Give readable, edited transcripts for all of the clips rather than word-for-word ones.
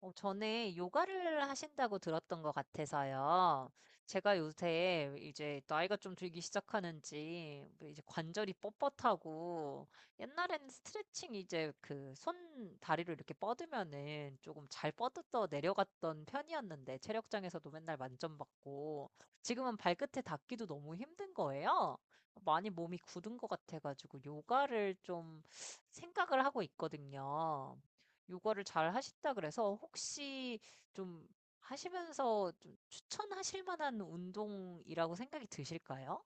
전에 요가를 하신다고 들었던 것 같아서요. 제가 요새 이제 나이가 좀 들기 시작하는지 뭐 이제 관절이 뻣뻣하고 옛날에는 스트레칭 이제 그 손 다리를 이렇게 뻗으면은 조금 잘 뻗어 내려갔던 편이었는데 체력장에서도 맨날 만점 받고 지금은 발끝에 닿기도 너무 힘든 거예요. 많이 몸이 굳은 것 같아가지고 요가를 좀 생각을 하고 있거든요. 요가를 잘 하신다 그래서 혹시 좀 하시면서 좀 추천하실 만한 운동이라고 생각이 드실까요?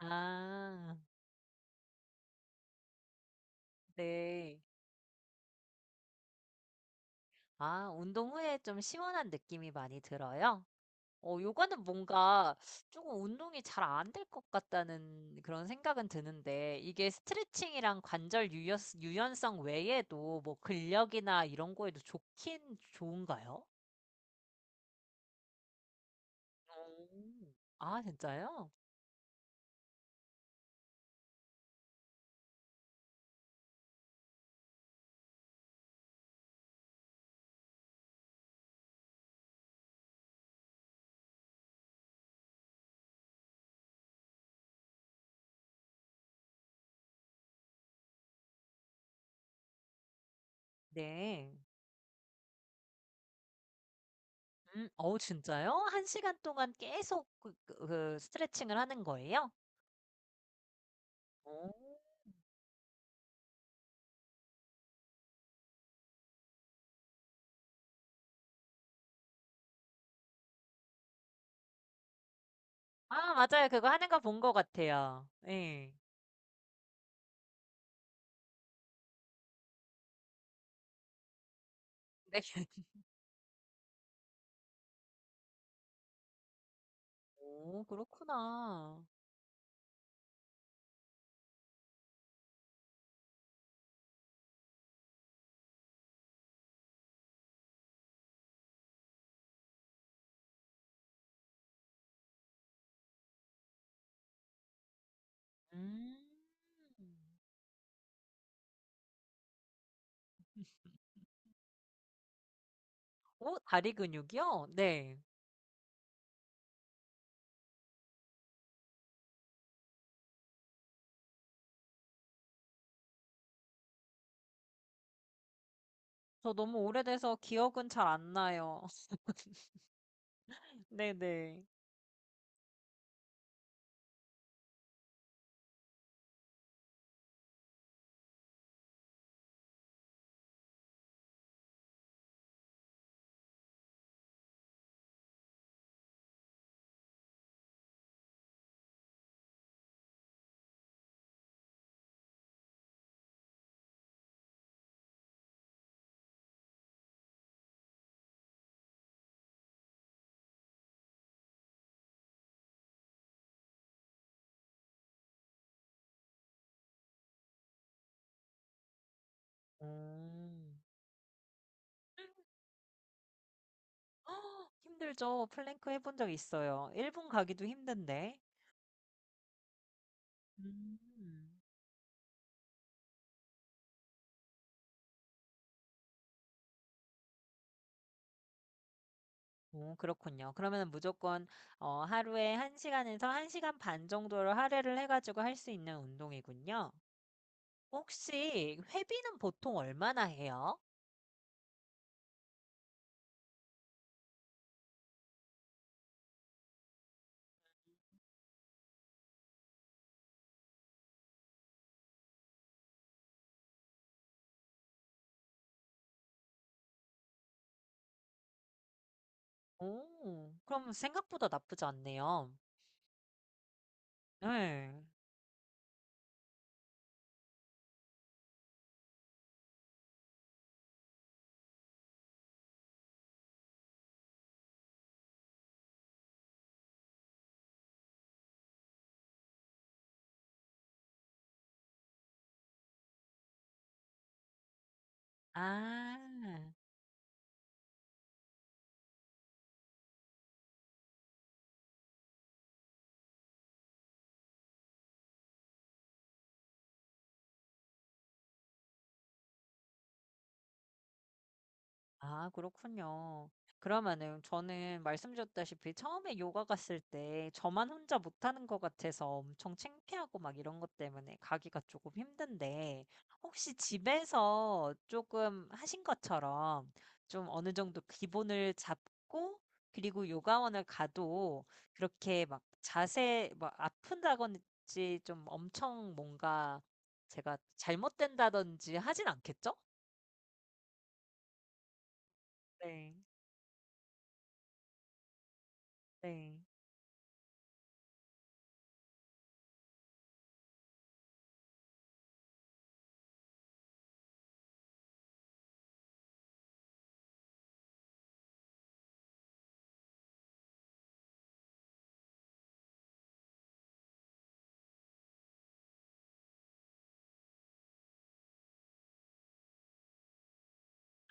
아, 네. 아, 운동 후에 좀 시원한 느낌이 많이 들어요? 요가는 뭔가 조금 운동이 잘 안 될 것 같다는 그런 생각은 드는데, 이게 스트레칭이랑 관절 유연성 외에도 뭐 근력이나 이런 거에도 좋긴 좋은가요? 오. 아, 진짜요? 네. 음. 어우 진짜요? 1 시간 동안 계속 그 스트레칭을 하는 거예요? 오. 아 맞아요. 그거 하는 거 본 것 같아요. 예. 네. 오 그렇구나. 음. 오, 다리 근육이요? 네. 저 너무 오래돼서 기억은 잘 안 나요. 네네. 음. 힘들죠. 플랭크 해본 적 있어요. 1분 가기도 힘든데. 음. 오 그렇군요. 그러면은 무조건 하루에 1 시간에서 1 시간 반 정도를 할애를 해 가지고 할 수 있는 운동이군요. 혹시 회비는 보통 얼마나 해요? 오 그럼 생각보다 나쁘지 않네요. 네. 아. 아 그렇군요. 그러면은 저는 말씀드렸다시피 처음에 요가 갔을 때 저만 혼자 못하는 것 같아서 엄청 창피하고 막 이런 것 때문에 가기가 조금 힘든데 혹시 집에서 조금 하신 것처럼 좀 어느 정도 기본을 잡고 그리고 요가원을 가도 그렇게 막 자세 막 아픈다든지 좀 엄청 뭔가 제가 잘못된다든지 하진 않겠죠? 네. 네.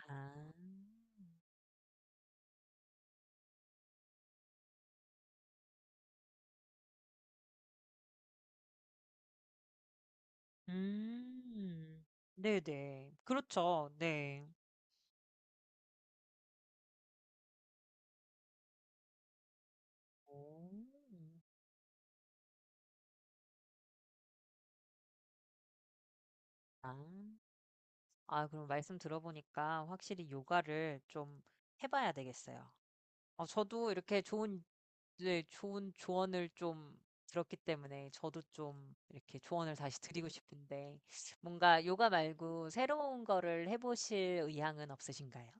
아. 음. 네네. 그렇죠. 네. 오. 아. 아 그럼 말씀 들어보니까 확실히 요가를 좀 해 봐야 되겠어요. 저도 이렇게 좋은 네 좋은 조언을 좀 들었기 때문에 저도 좀 이렇게 조언을 다시 드리고 싶은데 뭔가 요가 말고 새로운 거를 해 보실 의향은 없으신가요?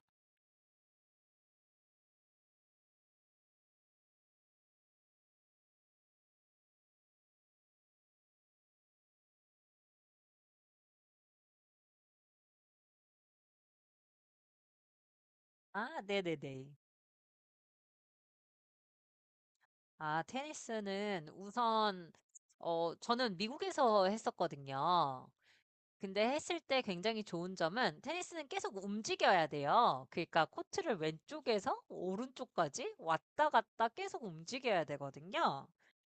아 네네네. 아, 테니스는 우선, 저는 미국에서 했었거든요. 근데 했을 때 굉장히 좋은 점은 테니스는 계속 움직여야 돼요. 그러니까 코트를 왼쪽에서 오른쪽까지 왔다 갔다 계속 움직여야 되거든요.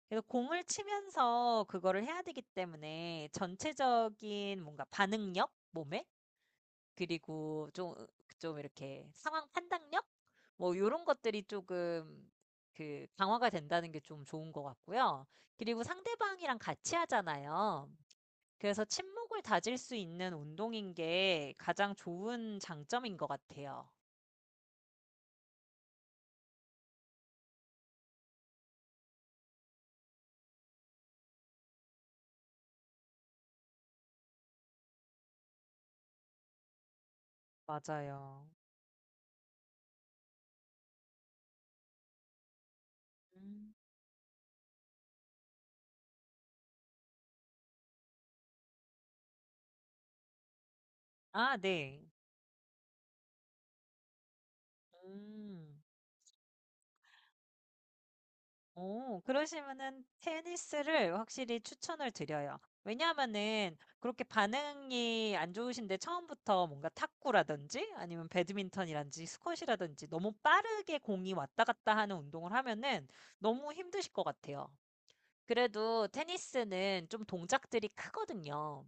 그래서 공을 치면서 그거를 해야 되기 때문에 전체적인 뭔가 반응력? 그리고 좀, 좀 이렇게 상황 판단력? 뭐, 요런 것들이 조금 그 강화가 된다는 게 좀 좋은 것 같고요. 그리고 상대방이랑 같이 하잖아요. 그래서 친목을 다질 수 있는 운동인 게 가장 좋은 장점인 것 같아요. 맞아요. 음. 아, 네. 음. 오 그러시면은 테니스를 확실히 추천을 드려요. 왜냐하면은 그렇게 반응이 안 좋으신데 처음부터 뭔가 탁구라든지 아니면 배드민턴이라든지 스쿼시라든지 너무 빠르게 공이 왔다 갔다 하는 운동을 하면은 너무 힘드실 것 같아요. 그래도 테니스는 좀 동작들이 크거든요.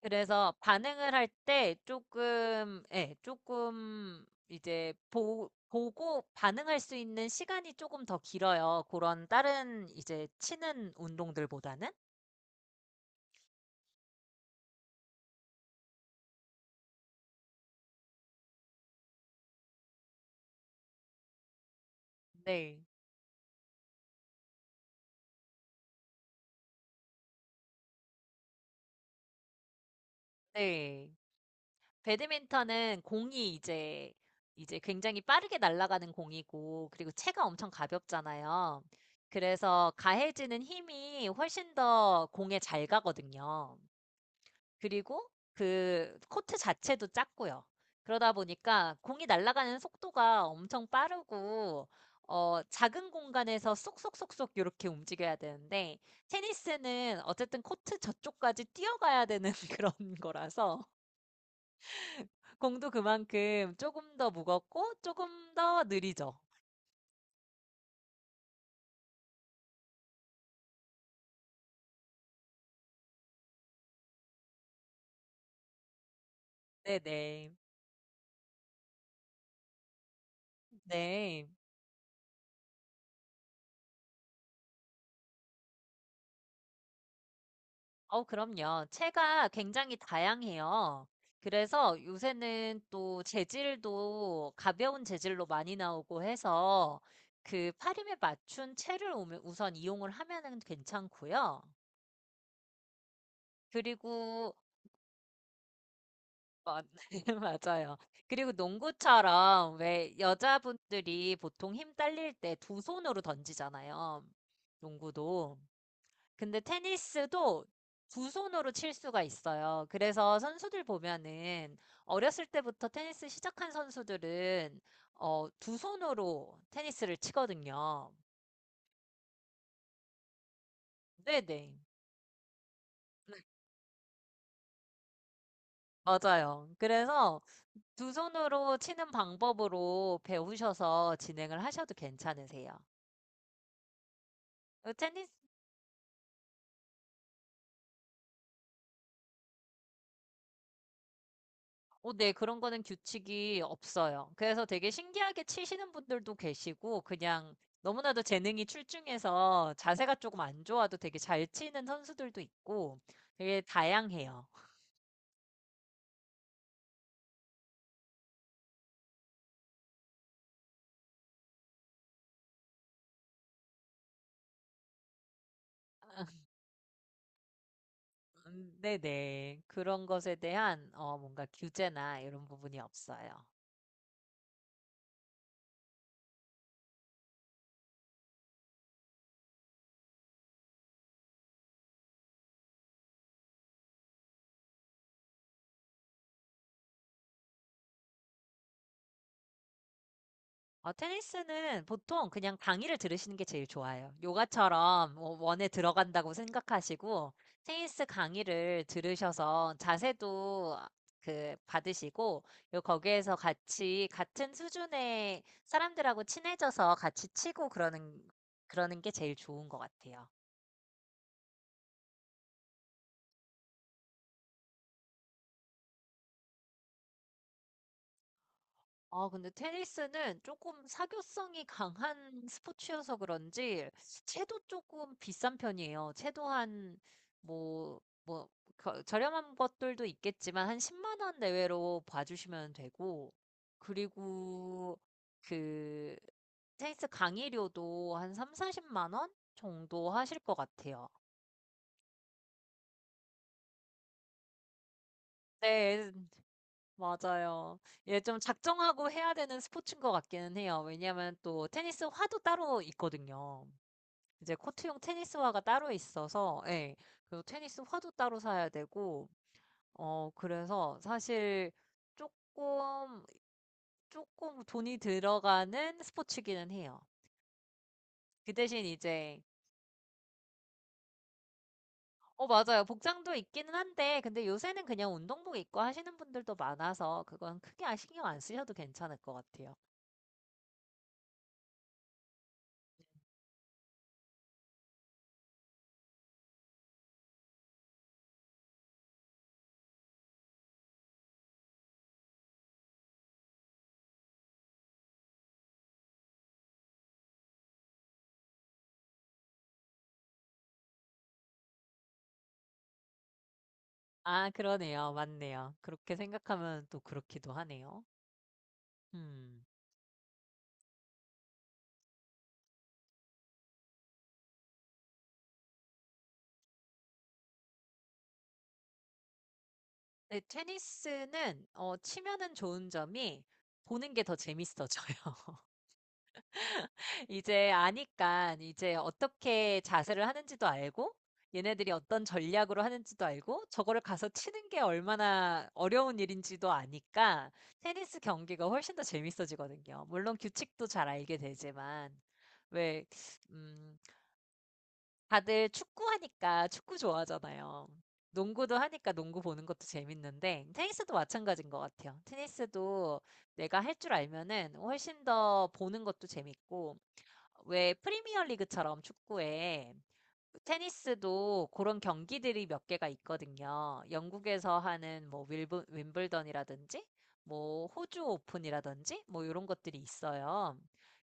그래서 반응을 할 때 조금, 예, 조금 이제 보고 반응할 수 있는 시간이 조금 더 길어요. 그런 다른 이제 치는 운동들보다는. 네, 네. 배드민턴은 공이 이제 굉장히 빠르게 날아가는 공이고 그리고 채가 엄청 가볍잖아요. 그래서 가해지는 힘이 훨씬 더 공에 잘 가거든요. 그리고 그 코트 자체도 작고요. 그러다 보니까 공이 날아가는 속도가 엄청 빠르고 작은 공간에서 쏙쏙쏙쏙 이렇게 움직여야 되는데 테니스는 어쨌든 코트 저쪽까지 뛰어가야 되는 그런 거라서 공도 그만큼 조금 더 무겁고 조금 더 느리죠. 네네. 네. 그럼요. 채가 굉장히 다양해요. 그래서 요새는 또 재질도 가벼운 재질로 많이 나오고 해서 그 파림에 맞춘 채를 우선 이용을 하면은 괜찮고요. 그리고 어, 맞아요. 그리고 농구처럼 왜 여자분들이 보통 힘 딸릴 때 두 손으로 던지잖아요. 농구도. 근데 테니스도 두 손으로 칠 수가 있어요. 그래서 선수들 보면은 어렸을 때부터 테니스 시작한 선수들은 두 손으로 테니스를 치거든요. 네네. 맞아요. 그래서 두 손으로 치는 방법으로 배우셔서 진행을 하셔도 괜찮으세요. 그 테니스 어, 네, 그런 거는 규칙이 없어요. 그래서 되게 신기하게 치시는 분들도 계시고, 그냥 너무나도 재능이 출중해서 자세가 조금 안 좋아도 되게 잘 치는 선수들도 있고, 되게 다양해요. 네네. 그런 것에 대한, 뭔가 규제나 이런 부분이 없어요. 테니스는 보통 그냥 강의를 들으시는 게 제일 좋아요. 요가처럼 뭐 원에 들어간다고 생각하시고, 테니스 강의를 들으셔서 자세도 그 받으시고, 요 거기에서 같이 같은 수준의 사람들하고 친해져서 같이 치고 그러는, 그러는 게 제일 좋은 것 같아요. 아, 근데 테니스는 조금 사교성이 강한 스포츠여서 그런지, 채도 조금 비싼 편이에요. 채도 한, 뭐, 뭐, 저렴한 것들도 있겠지만, 한 10만 원 내외로 봐주시면 되고, 그리고 그, 테니스 강의료도 한 3, 40만 원 정도 하실 것 같아요. 네, 맞아요. 예, 좀 작정하고 해야 되는 스포츠인 것 같기는 해요. 왜냐면 또 테니스 화도 따로 있거든요. 이제 코트용 테니스화가 따로 있어서, 예. 그리고 테니스화도 따로 사야 되고, 그래서 사실 조금, 조금 돈이 들어가는 스포츠기는 해요. 그 대신 이제, 맞아요. 복장도 있기는 한데, 근데 요새는 그냥 운동복 입고 하시는 분들도 많아서, 그건 크게 신경 안 쓰셔도 괜찮을 것 같아요. 아, 그러네요. 맞네요. 그렇게 생각하면 또 그렇기도 하네요. 음. 네. 테니스는 어 치면은 좋은 점이 보는 게 더 재밌어져요. 이제 아니깐 이제 어떻게 자세를 하는지도 알고 얘네들이 어떤 전략으로 하는지도 알고 저거를 가서 치는 게 얼마나 어려운 일인지도 아니까 테니스 경기가 훨씬 더 재밌어지거든요. 물론 규칙도 잘 알게 되지만 왜음 다들 축구하니까 축구 좋아하잖아요. 농구도 하니까 농구 보는 것도 재밌는데, 테니스도 마찬가지인 것 같아요. 테니스도 내가 할 줄 알면은 훨씬 더 보는 것도 재밌고, 왜 프리미어 리그처럼 축구에 테니스도 그런 경기들이 몇 개가 있거든요. 영국에서 하는 뭐 윈블던이라든지, 뭐 호주 오픈이라든지, 뭐 이런 것들이 있어요.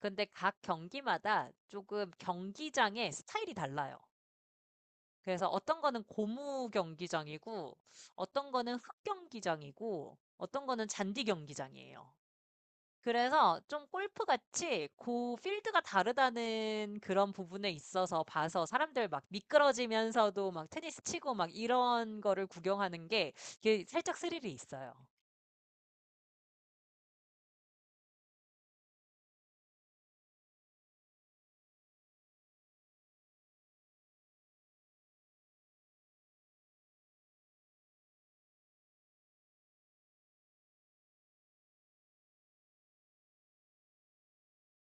근데 각 경기마다 조금 경기장의 스타일이 달라요. 그래서 어떤 거는 고무 경기장이고, 어떤 거는 흙 경기장이고, 어떤 거는 잔디 경기장이에요. 그래서 좀 골프 같이 그 필드가 다르다는 그런 부분에 있어서 봐서 사람들 막 미끄러지면서도 막 테니스 치고 막 이런 거를 구경하는 게 이게 살짝 스릴이 있어요.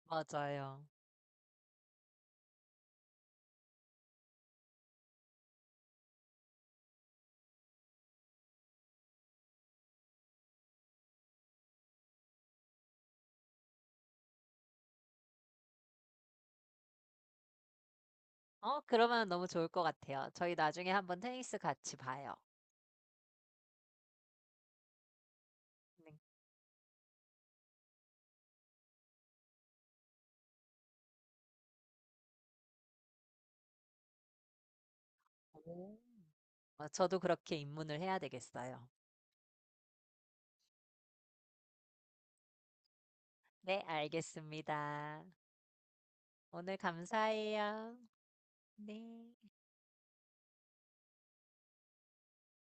맞아요. 그러면 너무 좋을 것 같아요. 저희 나중에 한번 테니스 같이 봐요. 네. 오. 저도 그렇게 입문을 해야 되겠어요. 네, 알겠습니다. 오늘 감사해요. 네.